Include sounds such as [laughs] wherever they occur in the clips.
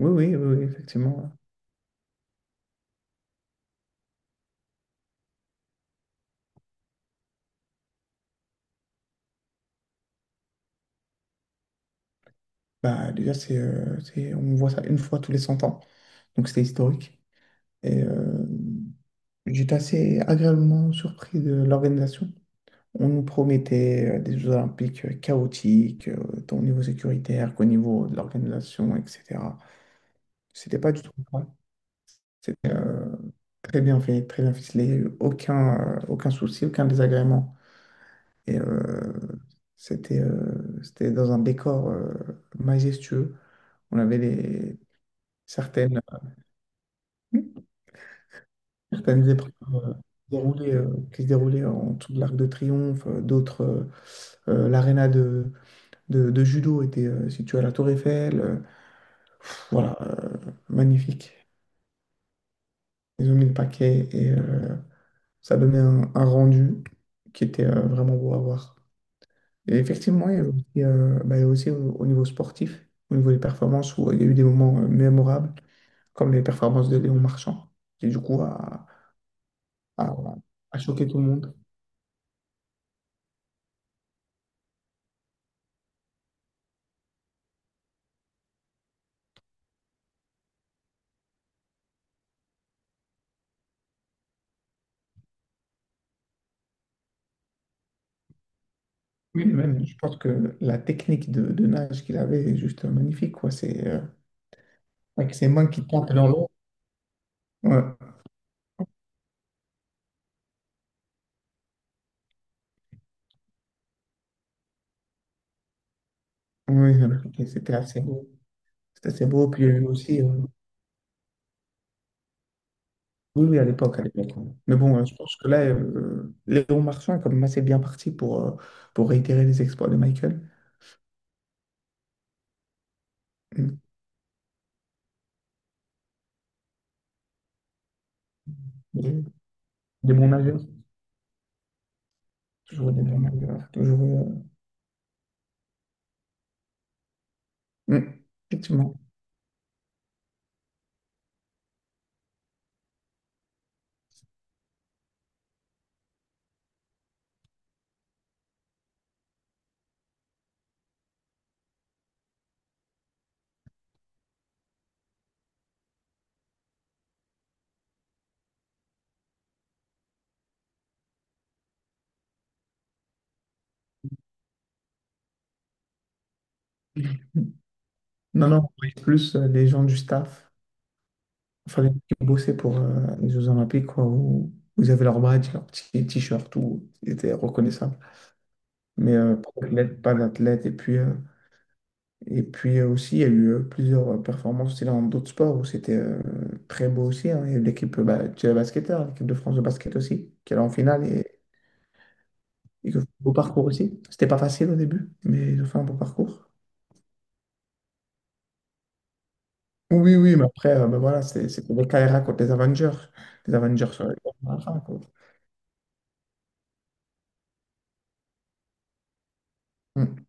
Oui, oui, oui, oui, effectivement. Bah, déjà, on voit ça une fois tous les 100 ans, donc c'était historique. Et euh, J'étais assez agréablement surpris de l'organisation. On nous promettait des Jeux Olympiques chaotiques, tant au niveau sécuritaire qu'au niveau de l'organisation, etc. C'était pas du tout le cas. C'était très bien fait, très bien ficelé, aucun souci, aucun désagrément. Et euh, c'était dans un décor majestueux. On avait les, certaines, certaines épreuves déroulées, qui se déroulaient en dessous de l'Arc de Triomphe, d'autres, l'aréna de judo était située à la Tour Eiffel. Voilà, magnifique. Ils ont mis le paquet, et ça donnait un rendu qui était vraiment beau à voir. Et effectivement, il y a aussi, bah, il y a aussi au niveau sportif, au niveau des performances, où il y a eu des moments mémorables, comme les performances de Léon Marchand, qui du coup a, a choqué tout le monde. Oui, mais même, je pense que la technique de nage qu'il avait est juste magnifique, quoi. C'est avec ses mains qui tapent dans l'eau. Ouais. Oui, ok, c'était assez beau. C'était assez beau. Puis il y a eu aussi. Oui, oui, à l'époque, à l'époque. Ouais. Mais bon, je pense que là, Léon Marchand est quand même assez bien parti pour réitérer les exploits de Michael. Mm. Des, des bons nageurs. Toujours des bons nageurs. Toujours. Mm. Effectivement. [laughs] Non, non, on est plus les gens du staff. Il fallait bosser pour les Jeux Olympiques, quoi, où vous avez leur badge, leur petit t-shirt, tout était reconnaissable. Mais pas d'athlète, pas d'athlète. Et puis aussi, il y a eu plusieurs performances aussi dans d'autres sports où c'était très beau aussi. Hein. Il y a eu l'équipe, bah, tu sais, basketteur, l'équipe de France de basket aussi, qui est en finale et qui a fait un beau parcours aussi. C'était pas facile au début, mais ils ont fait un beau parcours. Oui, oui, oui, mais après, voilà, c'était les KRA contre les Avengers. Les Avengers à la fin, quoi. Mm.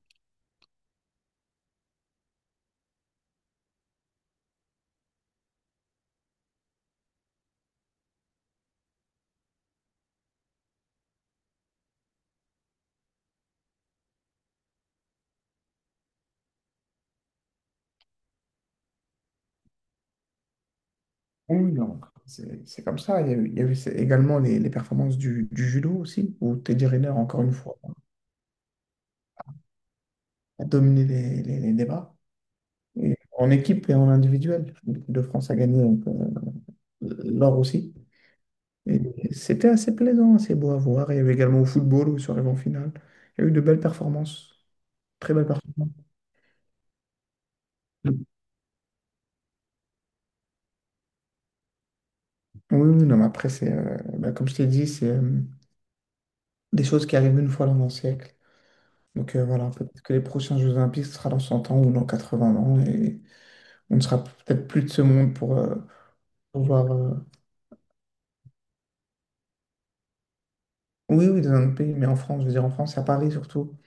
Oui, oui, non, c'est comme ça. Il y a eu, il y a eu c'est- également les performances du judo aussi, où Teddy Riner, encore une fois, a dominé les débats, et en équipe et en individuel. L'équipe de France a gagné donc, l'or aussi. Et c'était assez plaisant, assez beau à voir. Il y a eu également au football, où sur en finale, il y a eu de belles performances, très belles performances. Oui, oui, non, mais après, comme je t'ai dit, c'est des choses qui arrivent une fois dans un siècle. Donc voilà, peut-être que les prochains Jeux Olympiques, ce sera dans 100 ans ou dans 80 ans. Et on ne sera peut-être plus de ce monde pour pouvoir. Oui, oui, dans un autre pays, mais en France, je veux dire en France, à Paris surtout.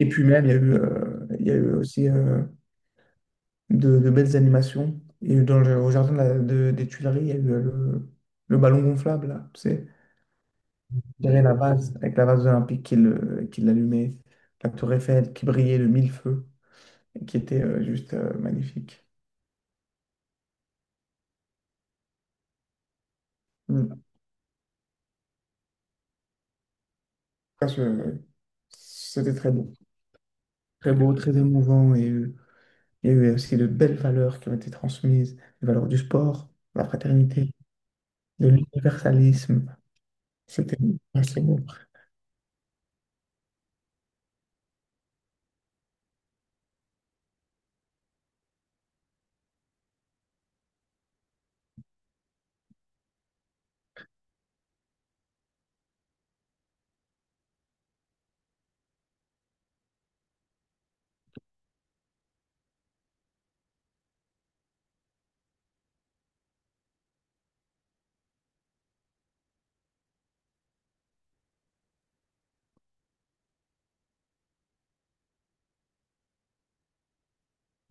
Et puis même, il y a eu aussi de belles animations. Et au jardin des Tuileries, il y a eu le ballon gonflable, là, tu sais. Il y avait la vase, avec la vase olympique qui l'allumait, la Tour Eiffel qui brillait de mille feux, et qui était juste magnifique. Mm. Ça, je- C'était très beau. Très beau, très émouvant, et il y a eu aussi de belles valeurs qui ont été transmises, les valeurs du sport, de la fraternité, de l'universalisme. C'était assez beau.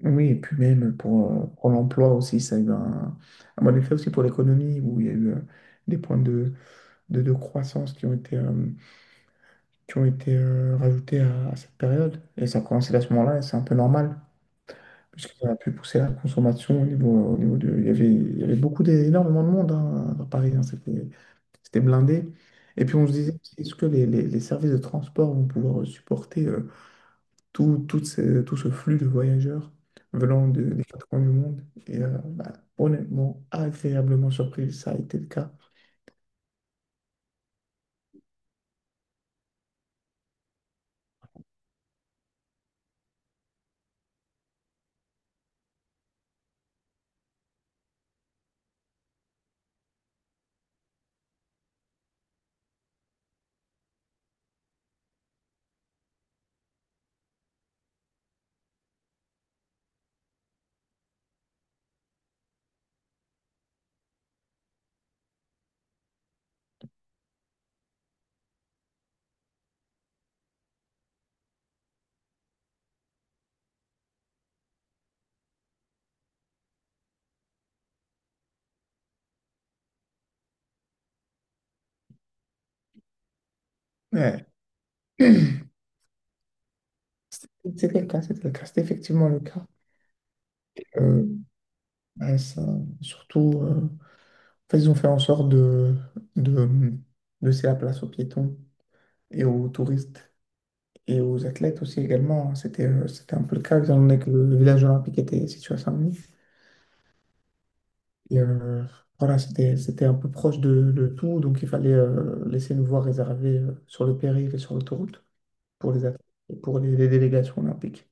Oui, et puis même pour l'emploi aussi, ça a eu un bon effet aussi pour l'économie, où il y a eu des points de croissance qui ont été rajoutés à cette période. Et ça a commencé à ce moment-là, et c'est un peu normal. Parce qu'ils auraient pu pousser la consommation au niveau de. Il y avait énormément de monde, hein, à Paris. Hein, c'était blindé. Et puis on se disait, est-ce que les services de transport vont pouvoir supporter tout ce flux de voyageurs venant des quatre coins du monde? Bah, honnêtement, agréablement surpris, ça a été le cas. Ouais. [clears throat] C'était le cas, c'était le cas, c'était effectivement le cas. Euh, Bah, ça, surtout. Ils ont fait en sorte de laisser la place aux piétons et aux touristes et aux athlètes aussi également. C'était un peu le cas, étant donné que le village olympique était situé à Saint-Denis. Et, euh, voilà, c'était un peu proche de tout, donc il fallait laisser une voie réservée sur le périph' et sur l'autoroute pour les athlètes et pour les délégations olympiques.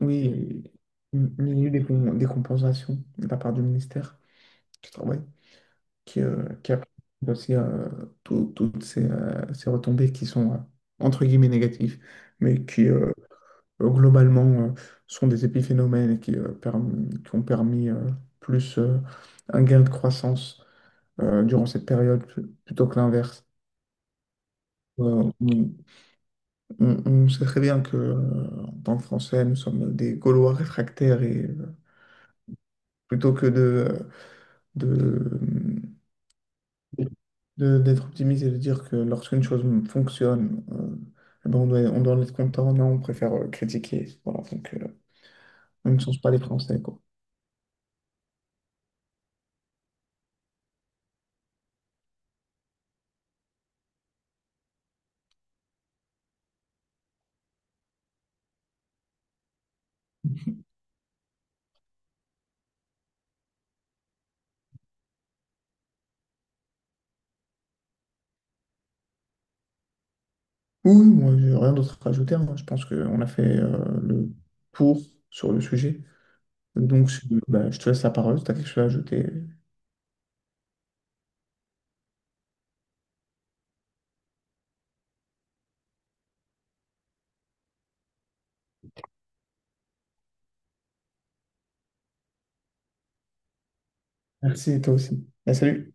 Oui, il y a eu des compensations de la part du ministère du Travail, qui apprend aussi toutes ces retombées qui sont entre guillemets négatives, mais qui globalement euh, sont des épiphénomènes et qui ont permis plus un gain de croissance durant cette période, plutôt que l'inverse. Euh, on, on sait très bien que, en tant que Français, nous sommes des Gaulois réfractaires, et plutôt que de, d'être optimiste et de dire que lorsqu'une chose fonctionne, eh ben, on doit en être content, non, on préfère critiquer. Voilà, donc on ne change pas les Français, quoi. [laughs] Oui, moi, j'ai rien d'autre à rajouter, hein. Je pense qu'on a fait le tour sur le sujet. Donc, bah, je te laisse la parole si tu as quelque chose à ajouter. Merci, et toi aussi. Bah, salut.